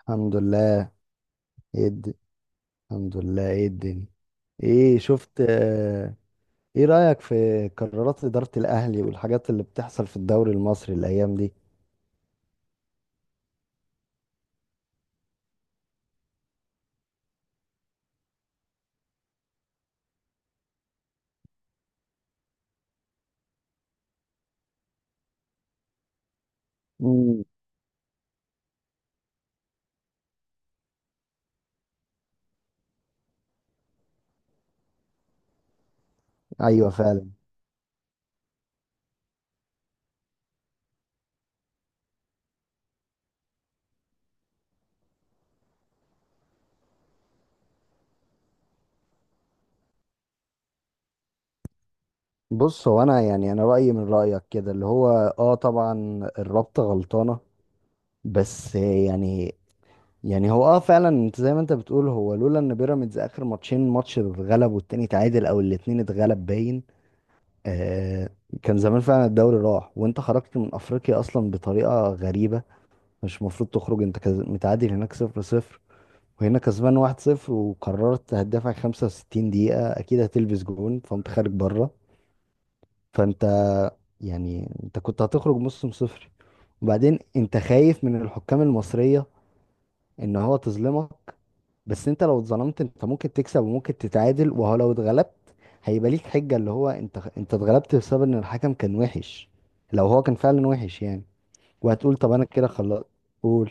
الحمد لله. ايه الد- الحمد لله، ايه الدنيا؟ ايه شفت ايه رأيك في قرارات إدارة الأهلي والحاجات اللي بتحصل في الدوري المصري الأيام دي؟ مم. ايوه فعلا. بص، هو انا يعني انا رأيي من رأيك كده اللي هو اه طبعا الرابطة غلطانة، بس يعني يعني هو اه فعلا انت زي ما انت بتقول، هو لولا ان بيراميدز اخر ماتشين ماتش اتغلب والتاني اتعادل او الاتنين اتغلب باين آه، كان زمان فعلا الدوري راح. وانت خرجت من افريقيا اصلا بطريقه غريبه. مش المفروض تخرج. انت متعادل هناك صفر صفر، وهنا كسبان واحد صفر، وقررت هتدافع 65 دقيقه، اكيد هتلبس جون، فقمت خارج بره. فانت يعني انت كنت هتخرج موسم صفر. وبعدين انت خايف من الحكام المصريه ان هو تظلمك، بس انت لو اتظلمت انت ممكن تكسب وممكن تتعادل، وهو لو اتغلبت هيبقى ليك حجة اللي هو انت اتغلبت بسبب ان الحكم كان وحش، لو هو كان فعلا وحش يعني. وهتقول طب انا كده خلاص. قول.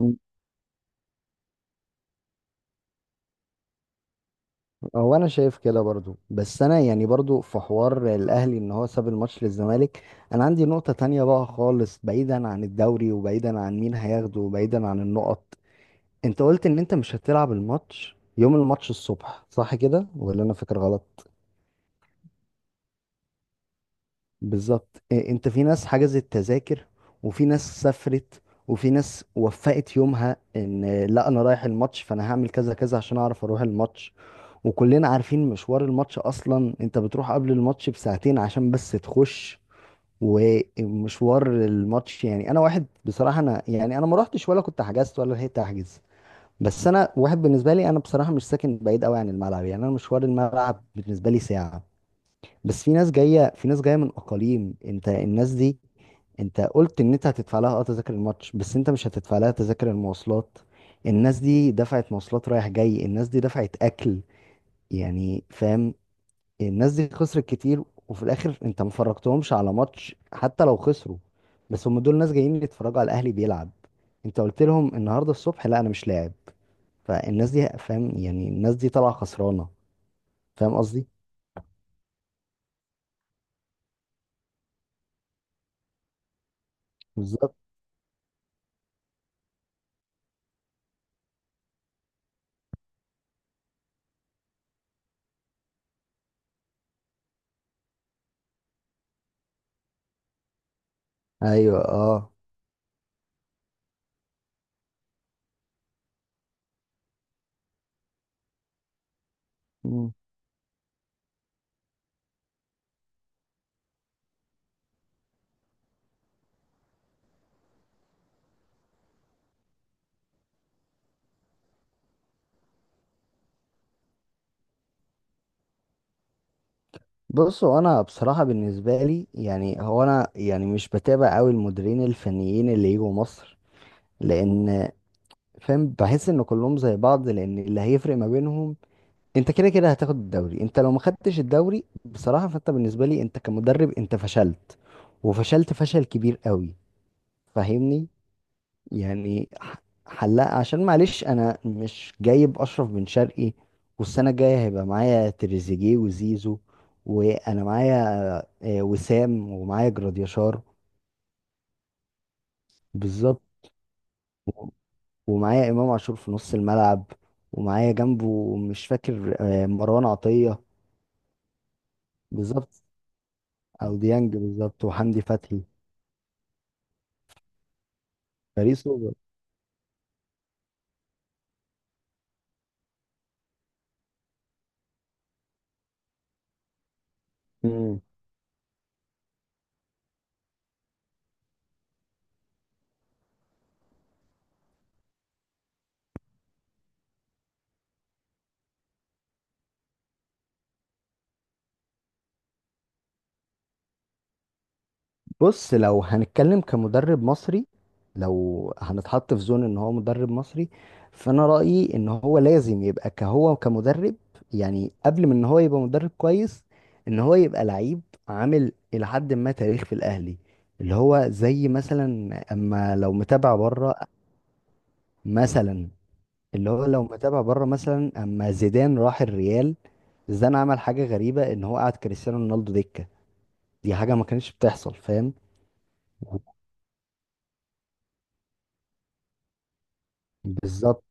مم. هو انا شايف كده برضو، بس انا يعني برضو في حوار الاهلي ان هو ساب الماتش للزمالك. انا عندي نقطة تانية بقى خالص، بعيدا عن الدوري وبعيدا عن مين هياخده وبعيدا عن النقط. انت قلت ان انت مش هتلعب الماتش يوم الماتش الصبح، صح كده ولا انا فاكر غلط؟ بالظبط. انت في ناس حجزت تذاكر وفي ناس سافرت وفي ناس وفقت يومها ان لا انا رايح الماتش، فانا هعمل كذا كذا عشان اعرف اروح الماتش. وكلنا عارفين مشوار الماتش اصلا، انت بتروح قبل الماتش بساعتين عشان بس تخش. ومشوار الماتش يعني، انا واحد بصراحة انا يعني انا ما روحتش ولا كنت حجزت ولا لحقت احجز. بس انا واحد، بالنسبة لي انا بصراحة مش ساكن بعيد قوي عن الملعب، يعني انا مشوار الملعب بالنسبة لي ساعة. بس في ناس جايه، من اقاليم. انت الناس دي انت قلت ان انت هتدفع لها اه تذاكر الماتش، بس انت مش هتدفع لها تذاكر المواصلات. الناس دي دفعت مواصلات رايح جاي، الناس دي دفعت اكل، يعني فاهم؟ الناس دي خسرت كتير، وفي الاخر انت ما فرجتهمش على ماتش حتى لو خسروا. بس هم دول ناس جايين يتفرجوا على الاهلي بيلعب. انت قلت لهم النهارده الصبح لا انا مش لاعب. فالناس دي، فاهم يعني، الناس دي طالعه خسرانه. فاهم قصدي؟ بالظبط. ايوه اه. بصوا، انا بصراحه بالنسبه لي يعني هو انا يعني مش بتابع قوي المديرين الفنيين اللي يجوا مصر، لان فاهم، بحس ان كلهم زي بعض، لان اللي هيفرق ما بينهم انت كده كده هتاخد الدوري. انت لو ما خدتش الدوري بصراحه، فانت بالنسبه لي انت كمدرب انت فشلت، وفشلت فشل كبير قوي، فاهمني؟ يعني ح- حلاق، عشان معلش انا مش جايب اشرف بن شرقي، والسنه الجايه هيبقى معايا تريزيجيه وزيزو، وانا معايا وسام، ومعايا جراديشار. بالظبط. ومعايا امام عاشور في نص الملعب، ومعايا جنبه مش فاكر مروان عطيه. بالظبط، او ديانج. بالظبط، وحمدي فتحي. فريق سوبر. مم. بص، لو هنتكلم كمدرب مصري، لو هنتحط في زون ان هو مدرب مصري، فانا رأيي ان هو لازم يبقى كهو كمدرب، يعني قبل من ان هو يبقى مدرب كويس ان هو يبقى لعيب عامل الى حد ما تاريخ في الاهلي، اللي هو زي مثلا. اما لو متابع بره مثلا، اللي هو لو متابع بره مثلا، اما زيدان راح الريال، زيدان عمل حاجة غريبة ان هو قعد كريستيانو رونالدو دكة. دي حاجة ما كانتش بتحصل، فاهم؟ بالظبط.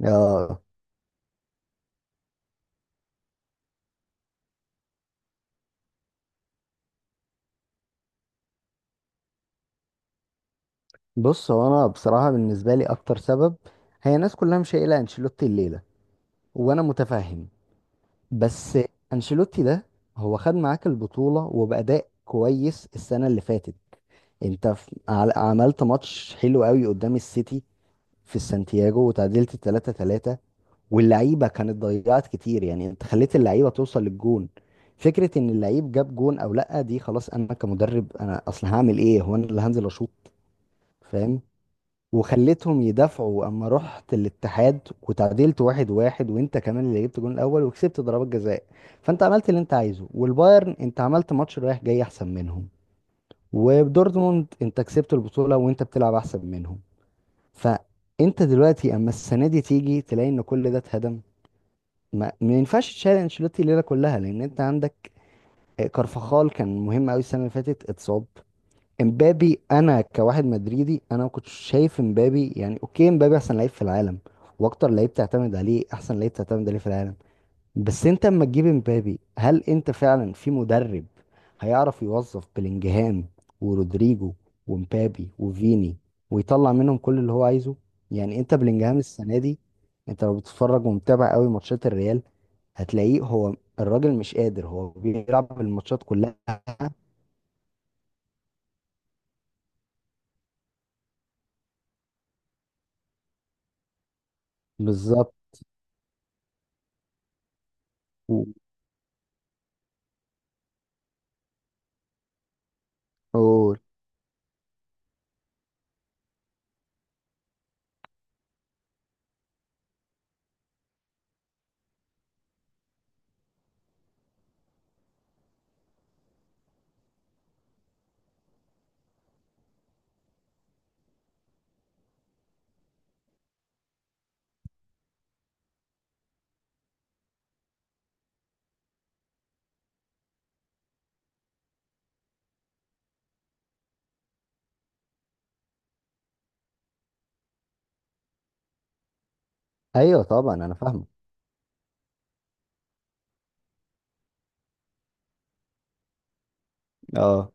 اه. بص، هو انا بصراحه بالنسبه لي اكتر سبب هي الناس كلها مش قايله انشيلوتي الليله، وانا متفهم. بس انشيلوتي ده هو خد معاك البطوله وباداء كويس السنه اللي فاتت. انت عملت ماتش حلو قوي قدام السيتي في السانتياغو، وتعادلت 3-3، واللعيبه كانت ضيعت كتير، يعني انت خليت اللعيبه توصل للجون. فكره ان اللعيب جاب جون او لا، دي خلاص انا كمدرب انا اصلا هعمل ايه؟ هو انا اللي هنزل اشوط؟ فاهم. وخليتهم يدافعوا. اما رحت الاتحاد وتعادلت واحد واحد، وانت كمان اللي جبت جون الاول وكسبت ضربات جزاء، فانت عملت اللي انت عايزه. والبايرن انت عملت ماتش رايح جاي احسن منهم، ودورتموند انت كسبت البطولة وانت بتلعب احسن منهم. فانت دلوقتي اما السنة دي تيجي تلاقي ان كل ده اتهدم، ما ينفعش تشيل انشيلوتي الليلة كلها، لان انت عندك كارفخال كان مهم قوي السنة اللي فاتت اتصاب. امبابي، انا كواحد مدريدي انا ما كنتش شايف امبابي، يعني اوكي امبابي احسن لعيب في العالم واكتر لعيب تعتمد عليه، احسن لعيب تعتمد عليه في العالم، بس انت اما تجيب امبابي هل انت فعلا في مدرب هيعرف يوظف بلينجهام ورودريجو ومبابي وفيني ويطلع منهم كل اللي هو عايزه؟ يعني انت بلينجهام السنه دي، انت لو بتتفرج ومتابع قوي ماتشات الريال هتلاقيه هو الراجل مش قادر، هو بيلعب الماتشات كلها. بالظبط. ايوه طبعا انا فاهمه. اه،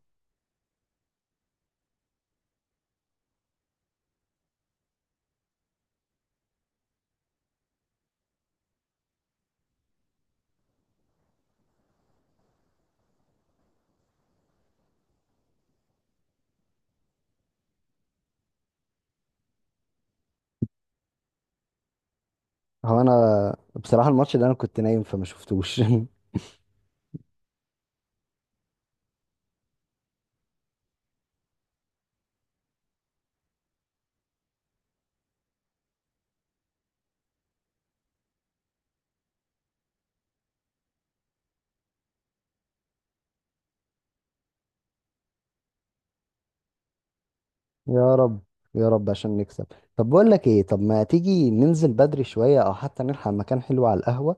هو انا بصراحه الماتش ده انا كنت نايم فما شفتوش. يا رب، يا رب عشان نكسب. طب بقول لك ايه، طب ما تيجي ننزل بدري شويه او حتى نلحق مكان حلو على القهوه،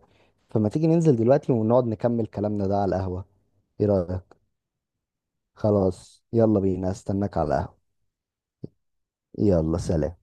فما تيجي ننزل دلوقتي ونقعد نكمل كلامنا ده على القهوه، ايه رايك؟ خلاص، يلا بينا، استناك على القهوه. يلا سلام.